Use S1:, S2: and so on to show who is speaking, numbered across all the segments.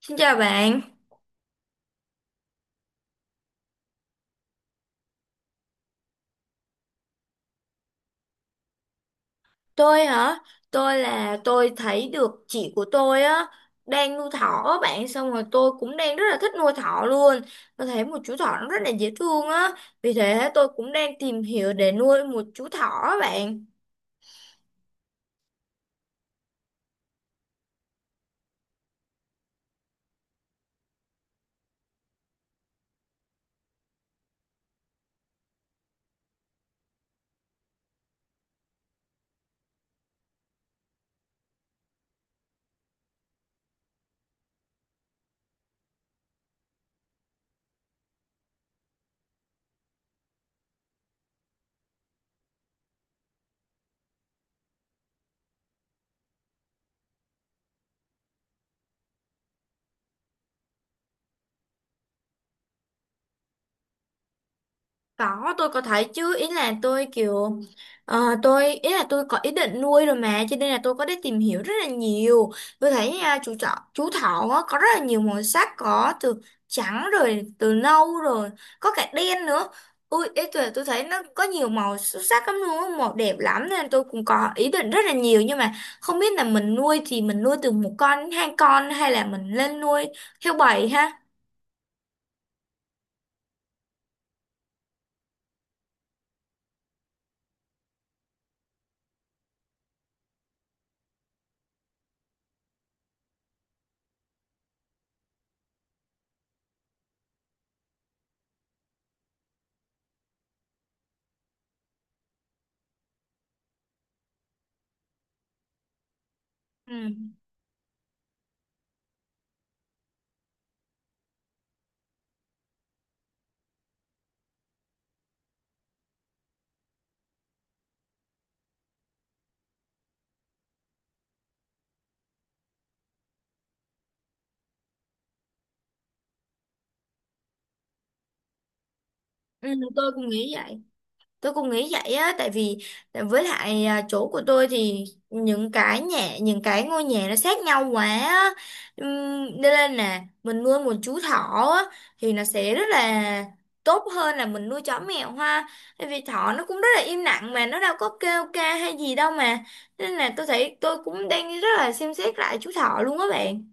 S1: Xin chào bạn, tôi hả? Tôi là tôi thấy được chị của tôi á đang nuôi thỏ á bạn, xong rồi tôi cũng đang rất là thích nuôi thỏ luôn. Tôi thấy một chú thỏ nó rất là dễ thương á, vì thế tôi cũng đang tìm hiểu để nuôi một chú thỏ á bạn. Có, tôi có thấy chứ, ý là tôi kiểu tôi ý là tôi có ý định nuôi rồi mà cho nên là tôi có đi tìm hiểu rất là nhiều. Tôi thấy à, chú thỏ á, có rất là nhiều màu sắc, có từ trắng rồi từ nâu rồi, có cả đen nữa. Ui, ý tôi thấy nó có nhiều màu xuất sắc lắm luôn á, màu đẹp lắm nên tôi cũng có ý định rất là nhiều, nhưng mà không biết là mình nuôi thì mình nuôi từ một con đến hai con hay là mình lên nuôi theo bầy ha. Ừ. Ừ, tôi cũng nghĩ vậy. Tôi cũng nghĩ vậy á, tại vì với lại à, chỗ của tôi thì những cái nhà những cái ngôi nhà nó sát nhau quá á. Nên là nè, mình nuôi một chú thỏ á, thì nó sẽ rất là tốt hơn là mình nuôi chó mèo ha, tại vì thỏ nó cũng rất là im lặng mà nó đâu có kêu ca hay gì đâu mà, nên là tôi thấy tôi cũng đang rất là xem xét lại chú thỏ luôn á bạn.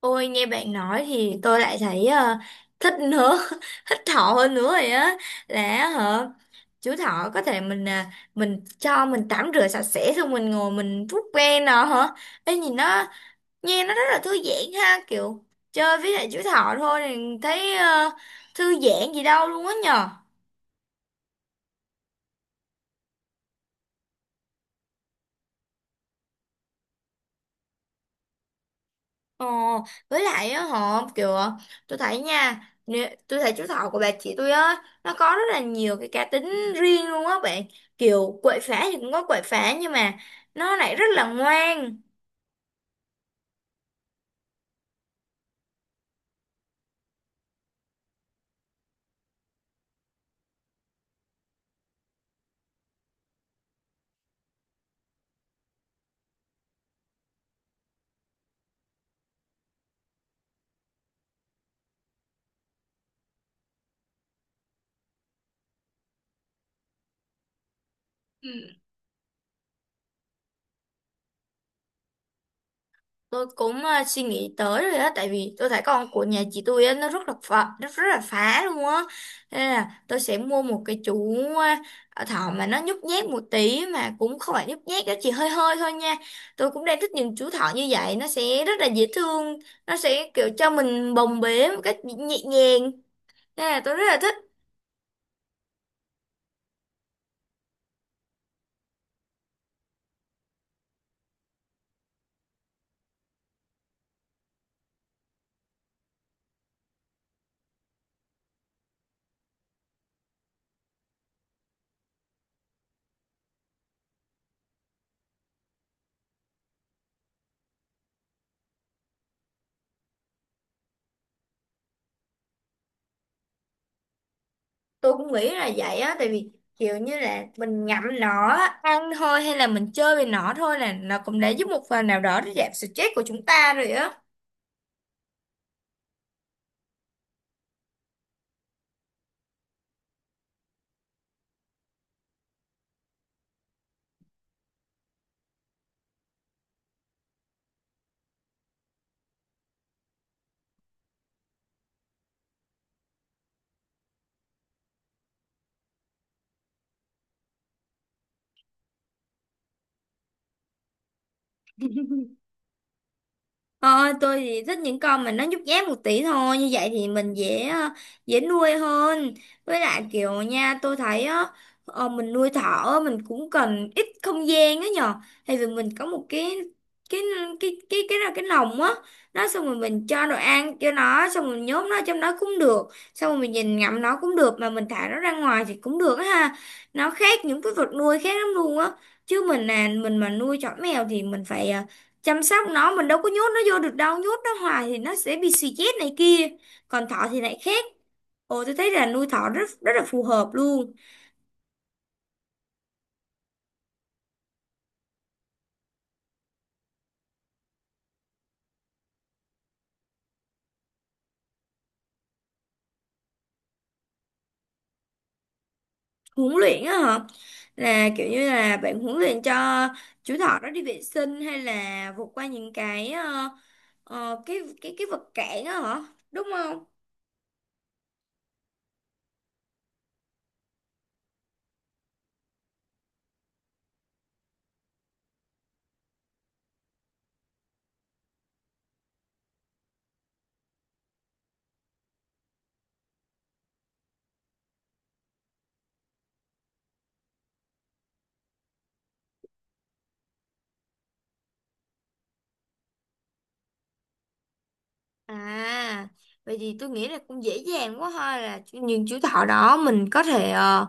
S1: Ôi, nghe bạn nói thì tôi lại thấy thích nữa thích thỏ hơn nữa rồi á, là hả, chú thỏ có thể mình à, mình cho mình tắm rửa sạch sẽ xong mình ngồi mình vuốt ve nó hả? Ê, nhìn nó, nghe nó rất là thư giãn ha, kiểu chơi với lại chú thỏ thôi thì thấy thư giãn gì đâu luôn á nhờ. Ờ, với lại á họ kiểu tôi thấy nha, nè, tôi thấy chú thỏ của bà chị tôi á nó có rất là nhiều cái cá tính riêng luôn á bạn, kiểu quậy phá thì cũng có quậy phá nhưng mà nó lại rất là ngoan. Tôi cũng suy nghĩ tới rồi á, tại vì tôi thấy con của nhà chị tôi á nó rất là phá, rất rất là phá luôn á, nên là tôi sẽ mua một cái chú thỏ mà nó nhút nhát một tí, mà cũng không phải nhút nhát đó, chỉ hơi hơi thôi nha. Tôi cũng đang thích những chú thỏ như vậy, nó sẽ rất là dễ thương, nó sẽ kiểu cho mình bồng bế một cách nhẹ nhàng, nên là tôi rất là thích. Tôi cũng nghĩ là vậy á, tại vì kiểu như là mình ngậm nó á, ăn thôi hay là mình chơi với nó thôi là nó cũng đã giúp một phần nào đó để giảm stress của chúng ta rồi á. Ờ, tôi thì thích những con mà nó nhút nhát một tí thôi, như vậy thì mình dễ dễ nuôi hơn. Với lại kiểu nha, tôi thấy á, mình nuôi thỏ á, mình cũng cần ít không gian á nhờ, thì vì mình có một cái cái lồng á, nó xong rồi mình cho đồ ăn cho nó, xong rồi mình nhốt nó trong đó cũng được, xong rồi mình nhìn ngắm nó cũng được, mà mình thả nó ra ngoài thì cũng được á ha. Nó khác những cái vật nuôi khác lắm luôn á, chứ mình mà nuôi chó mèo thì mình phải chăm sóc nó, mình đâu có nhốt nó vô được đâu, nhốt nó hoài thì nó sẽ bị suy chết này kia, còn thỏ thì lại khác. Ồ, tôi thấy là nuôi thỏ rất rất là phù hợp luôn. Huấn luyện á hả? Là kiểu như là bạn huấn luyện cho chú thỏ nó đi vệ sinh, hay là vượt qua những cái cái vật cản á hả, đúng không? À, vậy thì tôi nghĩ là cũng dễ dàng quá ha, là những chú thỏ đó mình có thể ờ,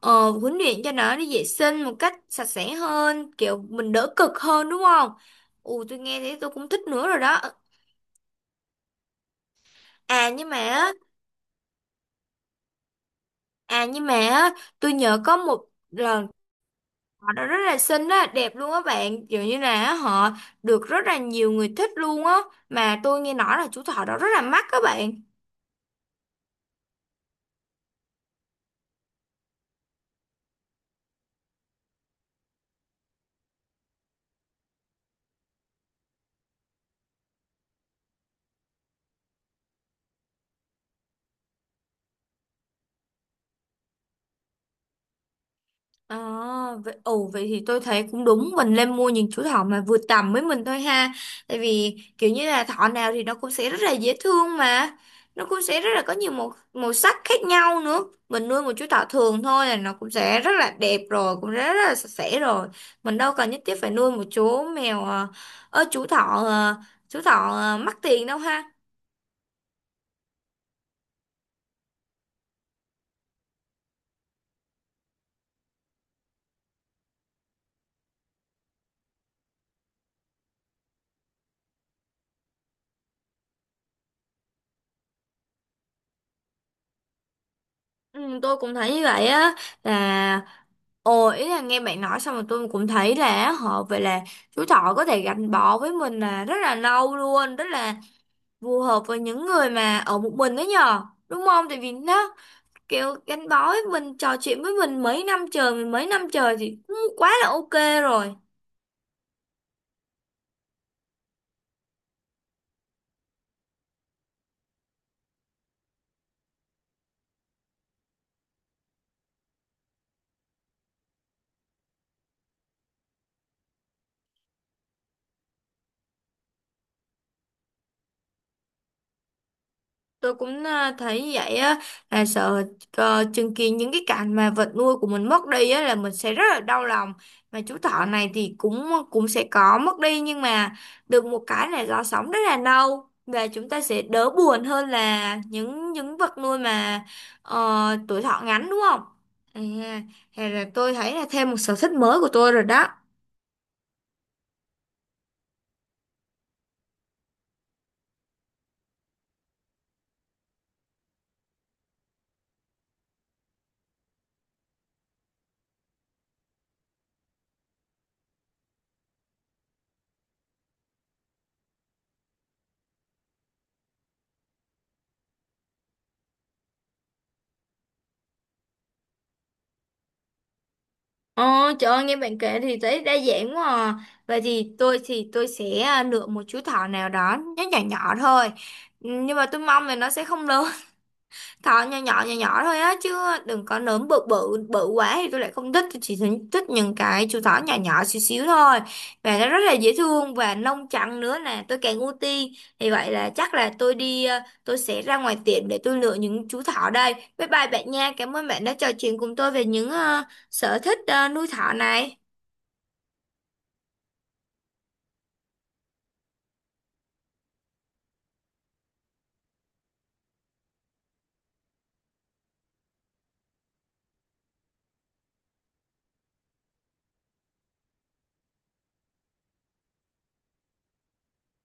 S1: ờ, huấn luyện cho nó đi vệ sinh một cách sạch sẽ hơn, kiểu mình đỡ cực hơn, đúng không? Ù, tôi nghe thấy tôi cũng thích nữa rồi đó. À nhưng mà á- à, nhưng mà á, tôi nhớ có một lần họ đó rất là xinh á, đẹp luôn á bạn, kiểu như là họ được rất là nhiều người thích luôn á, mà tôi nghe nói là chú thỏ đó rất là mắc các bạn. À, ồ vậy thì tôi thấy cũng đúng, mình nên mua những chú thỏ mà vừa tầm với mình thôi ha, tại vì kiểu như là thỏ nào thì nó cũng sẽ rất là dễ thương mà, nó cũng sẽ rất là có nhiều màu màu sắc khác nhau nữa. Mình nuôi một chú thỏ thường thôi là nó cũng sẽ rất là đẹp rồi, cũng rất là sạch sẽ rồi, mình đâu cần nhất thiết phải nuôi một chú thỏ ờ, mắc tiền đâu ha. Ừ, tôi cũng thấy như vậy á, là Ồ, ý là nghe bạn nói xong rồi tôi cũng thấy là họ vậy là chú thỏ có thể gắn bó với mình là rất là lâu luôn, rất là phù hợp với những người mà ở một mình đó nhờ. Đúng không? Tại vì nó kiểu gắn bó với mình, trò chuyện với mình mấy năm trời, thì cũng quá là ok rồi. Tôi cũng à, thấy vậy á, là sợ chứng kiến những cái cảnh mà vật nuôi của mình mất đi á là mình sẽ rất là đau lòng, mà chú thỏ này thì cũng cũng sẽ có mất đi nhưng mà được một cái là nó sống rất là lâu, và chúng ta sẽ đỡ buồn hơn là những vật nuôi mà tuổi thọ ngắn, đúng không? À, hay là tôi thấy là thêm một sở thích mới của tôi rồi đó. Ờ, trời ơi, nghe bạn kể thì thấy đa dạng quá à. Vậy thì tôi sẽ à, lựa một chú thỏ nào đó nó nhỏ nhỏ thôi. Ừ, nhưng mà tôi mong là nó sẽ không lớn, thỏ nhỏ nhỏ nhỏ nhỏ thôi á, chứ đừng có nấm bự bự bự quá thì tôi lại không thích. Tôi chỉ thích thích những cái chú thỏ nhỏ nhỏ xíu xíu thôi, và nó rất là dễ thương, và lông trắng nữa nè tôi càng ưu tiên. Thì vậy là chắc là tôi đi tôi sẽ ra ngoài tiệm để tôi lựa những chú thỏ đây. Bye bye bạn nha, cảm ơn bạn đã trò chuyện cùng tôi về những sở thích nuôi thỏ này.